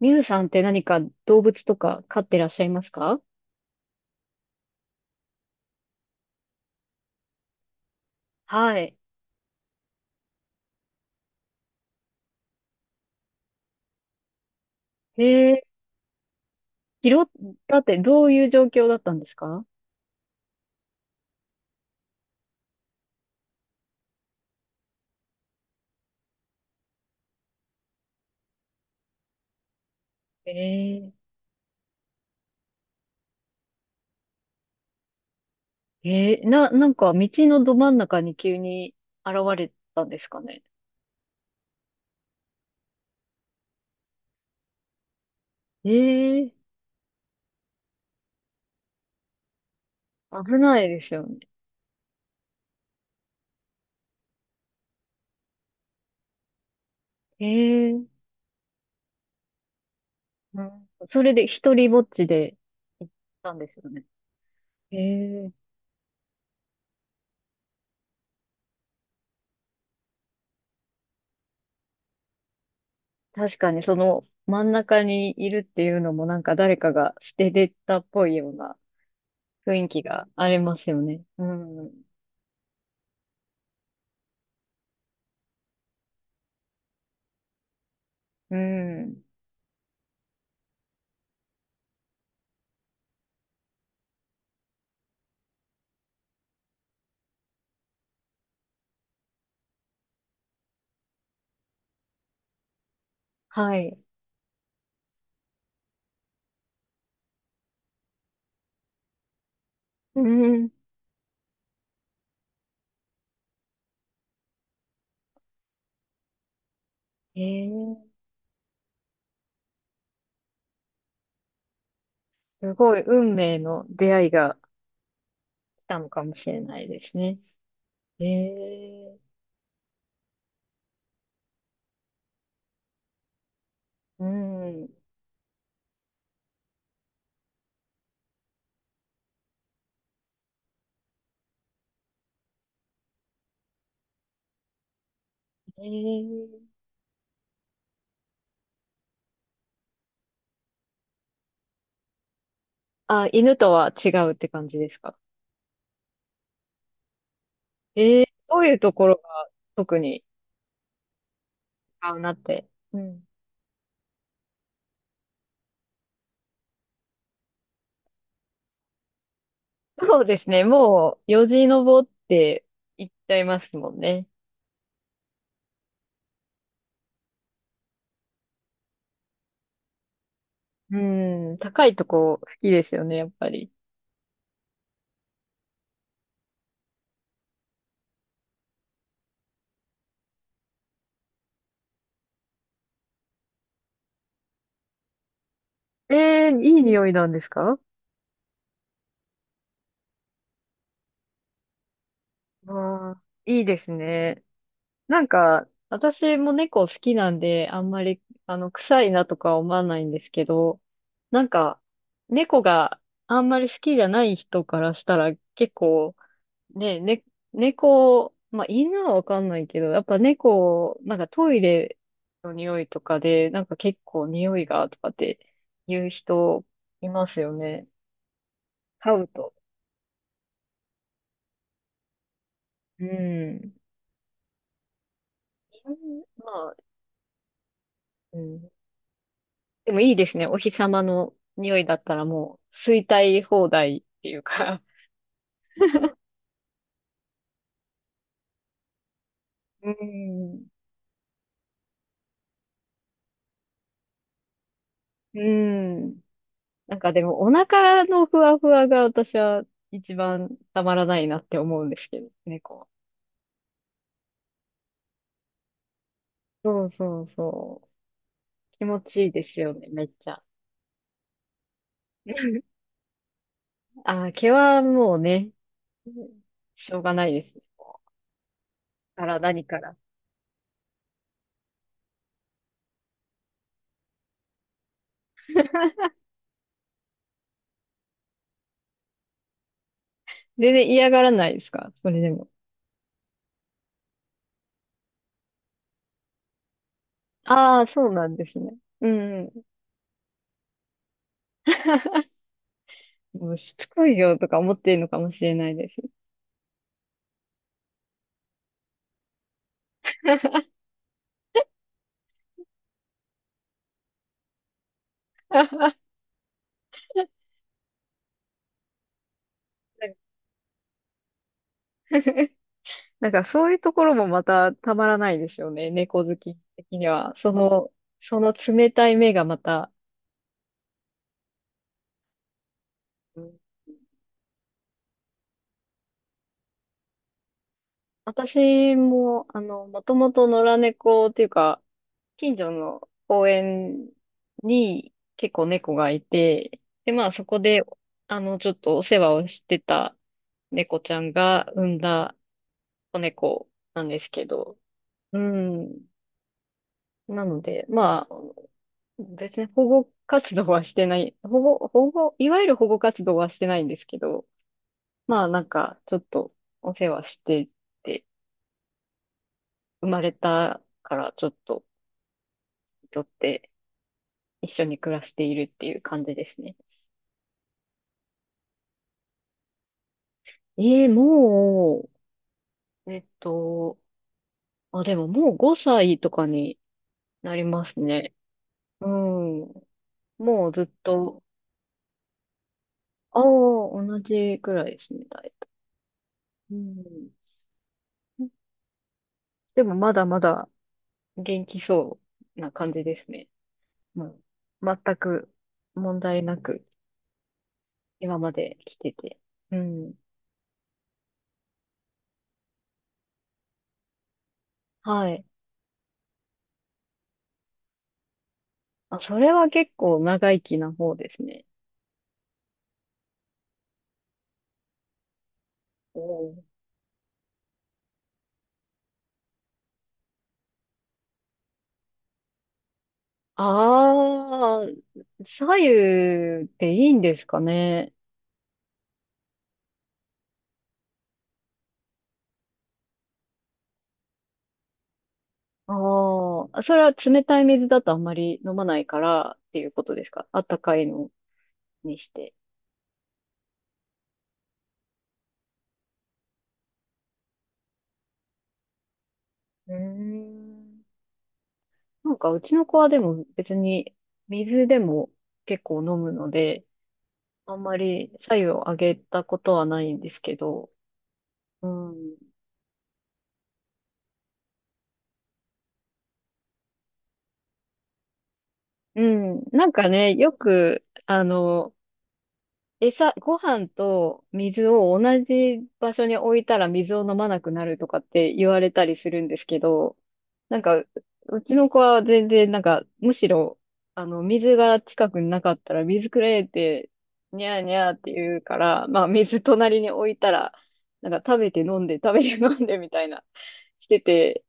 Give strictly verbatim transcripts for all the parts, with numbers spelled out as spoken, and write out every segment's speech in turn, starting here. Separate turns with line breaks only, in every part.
ミュウさんって何か動物とか飼ってらっしゃいますか？はい。えー、拾ったってどういう状況だったんですか？えへ。えー、な、なんか道のど真ん中に急に現れたんですかね？えー、危ないですよね。えー、うん、それで一人ぼっちで行ったんですよね。ええ。確かにその真ん中にいるっていうのも、なんか誰かが捨ててったっぽいような雰囲気がありますよね。うん。うん。はい。うん。ええ、すごい運命の出会いが来たのかもしれないですね。ええ。うん。ええ、あ、犬とは違うって感じですか？ええ、どういうところが特に違うなって。うん。そうですね。もう、よじ登って行っちゃいますもんね。うん。高いとこ好きですよね、やっぱり。ええ、いい匂いなんですか？わあ、いいですね。なんか、私も猫好きなんで、あんまり、あの、臭いなとか思わないんですけど、なんか、猫があんまり好きじゃない人からしたら、結構、ね、ね、猫、まあ、犬はわかんないけど、やっぱ猫、なんかトイレの匂いとかで、なんか結構匂いが、とかって言う人いますよね。飼うと。うん。犬、まあ、うん。でもいいですね。お日様の匂いだったらもう、吸いたい放題っていうか。うん。うん。なんかでも、お腹のふわふわが私は一番たまらないなって思うんですけど、猫は。そうそうそう。気持ちいいですよね、めっちゃ。あー、毛はもうね、しょうがないですね。から何から。全然嫌がらないですか、それでも？ああ、そうなんですね。うんうん。もうしつこいよとか思ってるのかもしれないです。なんかそういうところもまたたまらないですよね。猫好き的には。その、その冷たい目がまた。うん。私も、あの、もともと野良猫っていうか、近所の公園に結構猫がいて、で、まあそこで、あの、ちょっとお世話をしてた猫ちゃんが産んだ子猫なんですけど、うん。なので、まあ、別に保護活動はしてない、保護、保護、いわゆる保護活動はしてないんですけど、まあなんか、ちょっとお世話してて、生まれたからちょっと、とって一緒に暮らしているっていう感じですね。ええ、もう、えっと、あ、でももうごさいとかになりますね。うん。もうずっと、ああ、同じくらいですね、だいたい。うん、でもまだまだ元気そうな感じですね。うん。全く問題なく今まで来てて。うん。はい。あ、それは結構長生きな方ですね。おー。ああ、左右っていいんですかね？ああ、それは冷たい水だとあんまり飲まないからっていうことですか？あったかいのにして。うーん。なんかうちの子はでも別に水でも結構飲むので、あんまり白湯をあげたことはないんですけど、うん。うん。なんかね、よく、あの、餌、ご飯と水を同じ場所に置いたら水を飲まなくなるとかって言われたりするんですけど、なんか、うちの子は全然、なんか、むしろ、あの、水が近くになかったら水くれって、にゃーにゃーって言うから、まあ、水隣に置いたら、なんか食べて飲んで、食べて飲んでみたいな、してて、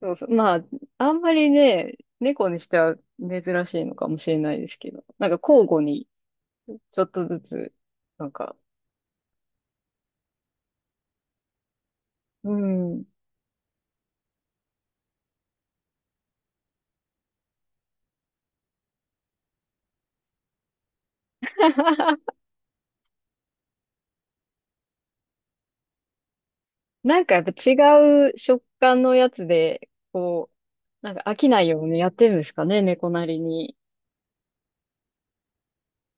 そうそう。まあ、あんまりね、猫にしては珍しいのかもしれないですけど。なんか交互にちょっとずつ、なんか、うん。なんかやっぱ違う食感のやつで、こう、なんか飽きないようにやってるんですかね、猫なりに。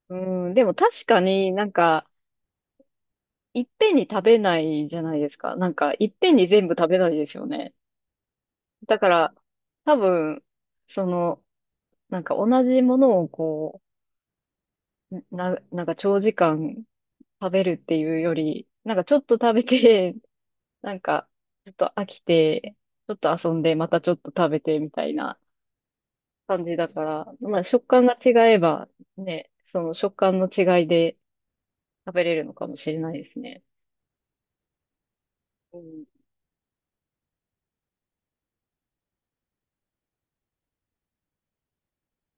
うん。でも確かになんか、いっぺんに食べないじゃないですか。なんか、いっぺんに全部食べないですよね。だから、多分、その、なんか同じものをこう、な、なんか長時間食べるっていうより、なんかちょっと食べて、なんかちょっと飽きて、ちょっと遊んで、またちょっと食べてみたいな感じだから、まあ食感が違えばね、その食感の違いで食べれるのかもしれないですね。うん、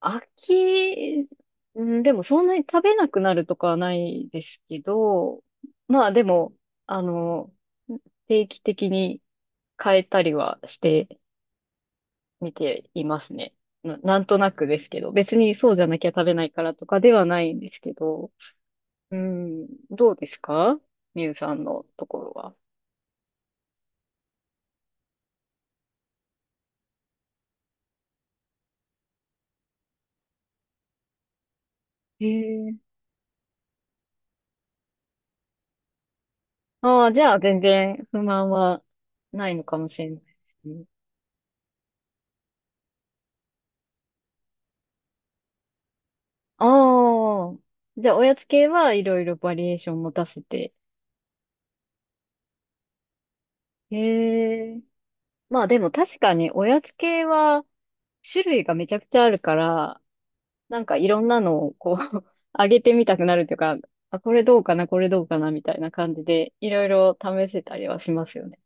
飽き、うん、でもそんなに食べなくなるとかはないですけど、まあでも、あの、定期的に変えたりはして、見ていますね。な、なんとなくですけど、別にそうじゃなきゃ食べないからとかではないんですけど、うん、どうですかみゆさんのところは？へえ。ああ、じゃあ全然不満はないのかもしれないですね。ああ、じゃあおやつ系はいろいろバリエーション持たせて。へえ。まあでも確かにおやつ系は種類がめちゃくちゃあるから、なんかいろんなのをこう 上げてみたくなるというか、あ、これどうかな、これどうかな、みたいな感じで、いろいろ試せたりはしますよね。